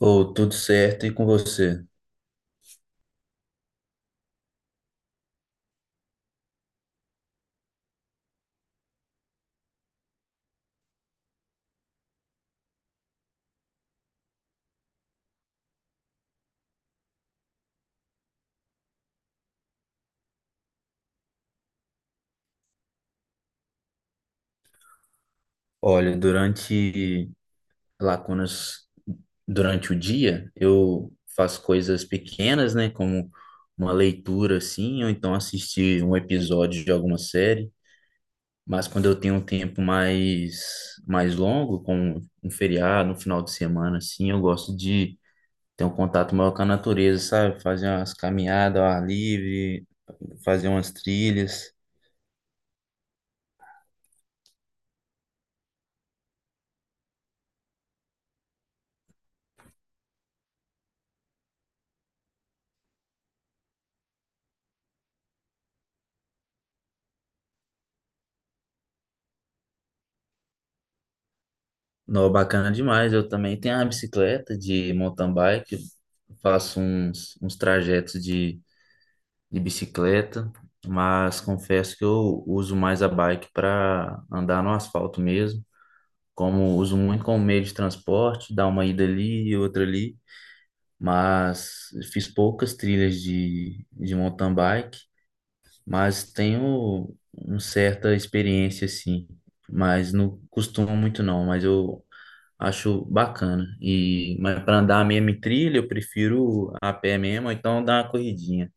Ou tudo certo e com você? Olha, durante lacunas, durante o dia, eu faço coisas pequenas, né? Como uma leitura, assim, ou então assistir um episódio de alguma série. Mas quando eu tenho um tempo mais longo, como um feriado, um final de semana, assim, eu gosto de ter um contato maior com a natureza, sabe? Fazer umas caminhadas ao ar livre, fazer umas trilhas. Não, bacana demais. Eu também tenho a bicicleta de mountain bike. Eu faço uns trajetos de bicicleta, mas confesso que eu uso mais a bike para andar no asfalto mesmo. Como uso muito como meio de transporte, dá uma ida ali e outra ali. Mas fiz poucas trilhas de mountain bike, mas tenho uma certa experiência assim. Mas não costumo muito não, mas eu acho bacana. E, mas para andar a mesma trilha, eu prefiro a pé mesmo, ou então dar uma corridinha.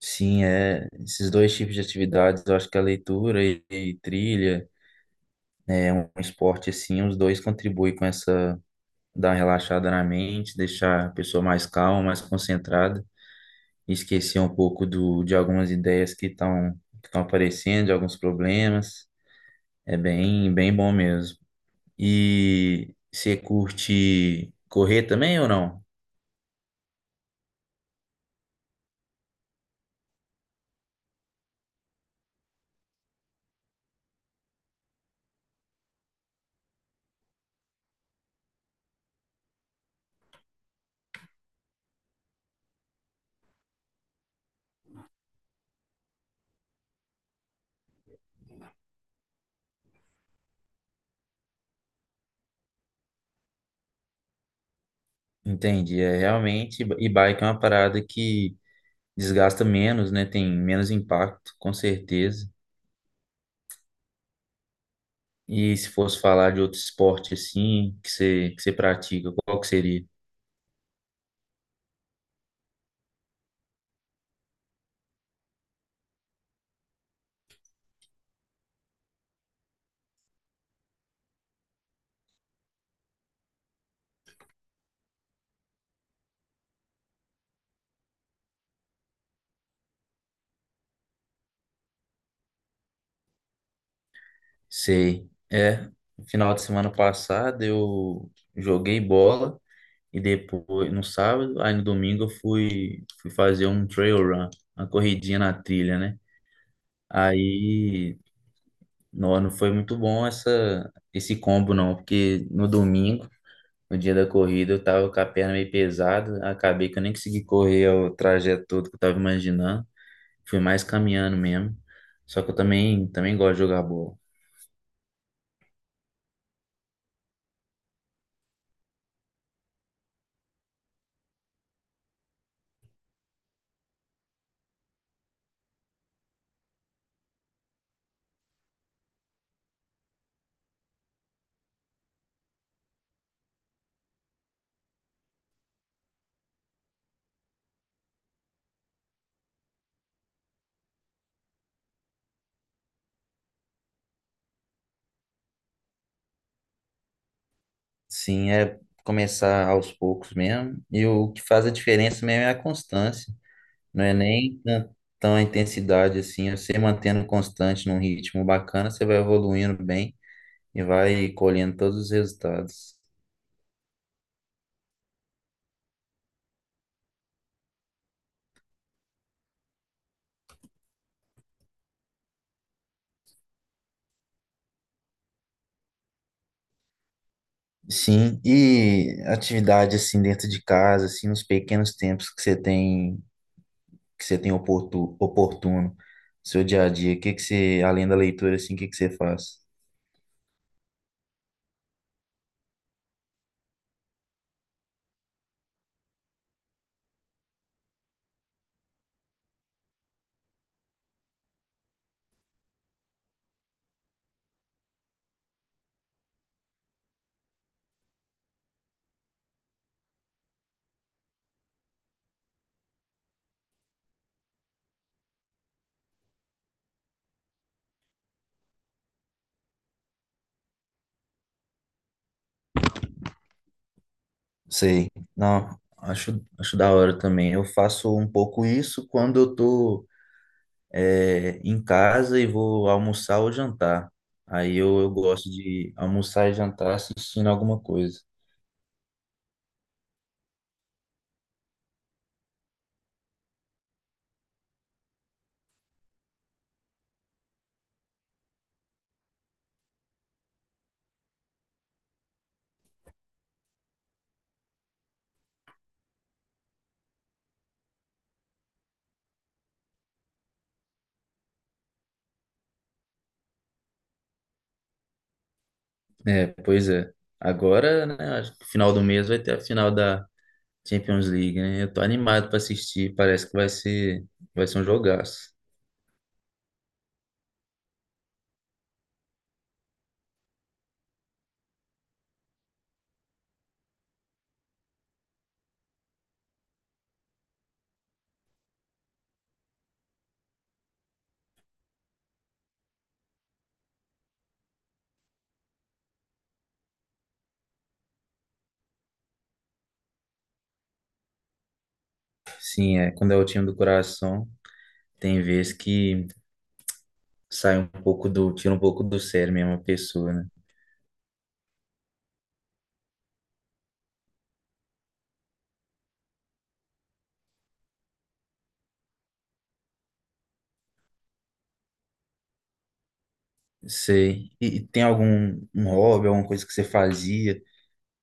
Sim, é, esses dois tipos de atividades, eu acho que a leitura e trilha, né, é um esporte assim, os dois contribuem com essa, dar uma relaxada na mente, deixar a pessoa mais calma, mais concentrada, e esquecer um pouco do, de algumas ideias que estão aparecendo, de alguns problemas. É bem, bem bom mesmo. E você curte correr também ou não? Entendi, é realmente, e bike é uma parada que desgasta menos, né? Tem menos impacto, com certeza. E se fosse falar de outro esporte assim, que você pratica, qual que seria? Sei. É, no final de semana passado eu joguei bola e depois, no sábado, aí no domingo eu fui, fui fazer um trail run, uma corridinha na trilha, né? Aí, não foi muito bom essa, esse combo não, porque no domingo no dia da corrida eu tava com a perna meio pesada, acabei que eu nem consegui correr o trajeto todo que eu tava imaginando. Fui mais caminhando mesmo. Só que eu também gosto de jogar bola. Sim, é começar aos poucos mesmo. E o que faz a diferença mesmo é a constância. Não é nem tão a intensidade assim. É você mantendo constante num ritmo bacana, você vai evoluindo bem e vai colhendo todos os resultados. Sim, e atividade assim dentro de casa, assim, nos pequenos tempos que você tem oportuno, seu dia a dia, o que que você, além da leitura, assim, o que que você faz? Sei, não, acho da hora também. Eu faço um pouco isso quando eu tô é, em casa e vou almoçar ou jantar. Aí eu gosto de almoçar e jantar assistindo alguma coisa. É, pois é. Agora, né, acho que final do mês vai ter a final da Champions League, né? Eu tô animado pra assistir. Parece que vai ser um jogaço. Sim, é. Quando é o time do coração, tem vezes que sai um pouco do, tira um pouco do sério mesmo a pessoa, né? Sei. E tem algum um hobby, alguma coisa que você fazia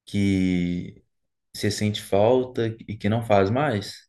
que você sente falta e que não faz mais?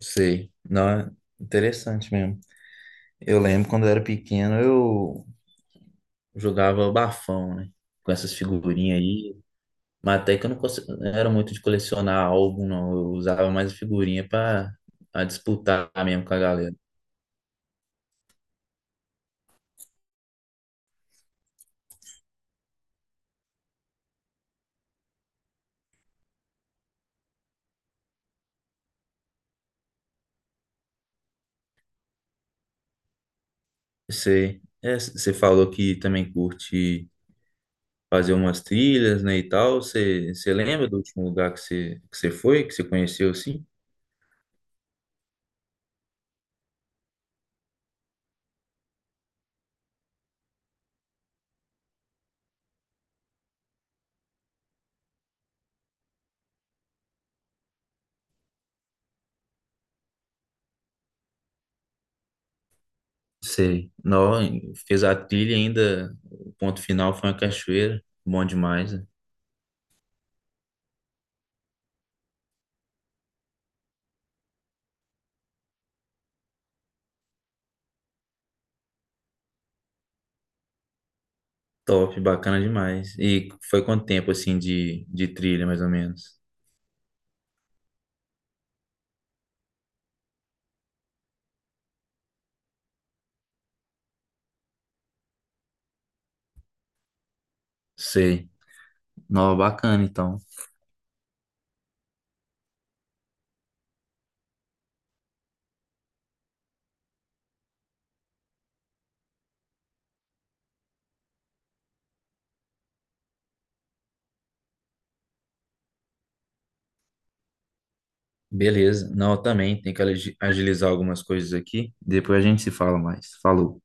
Sei. Não, é interessante mesmo. Eu lembro quando eu era pequeno, eu jogava bafão, né? Com essas figurinhas aí. Mas até que eu não, não era muito de colecionar álbum, não. Eu usava mais figurinha pra disputar mesmo com a galera. Você, é, você falou que também curte fazer umas trilhas, né, e tal. Você, você lembra do último lugar que você foi, que você conheceu, assim? Sei. Não, fez a trilha ainda. O ponto final foi uma cachoeira. Bom demais, né? Top, bacana demais. E foi quanto tempo, assim, de trilha, mais ou menos? Sei. Não, bacana, então. Beleza. Não, eu também tenho que agilizar algumas coisas aqui. Depois a gente se fala mais. Falou.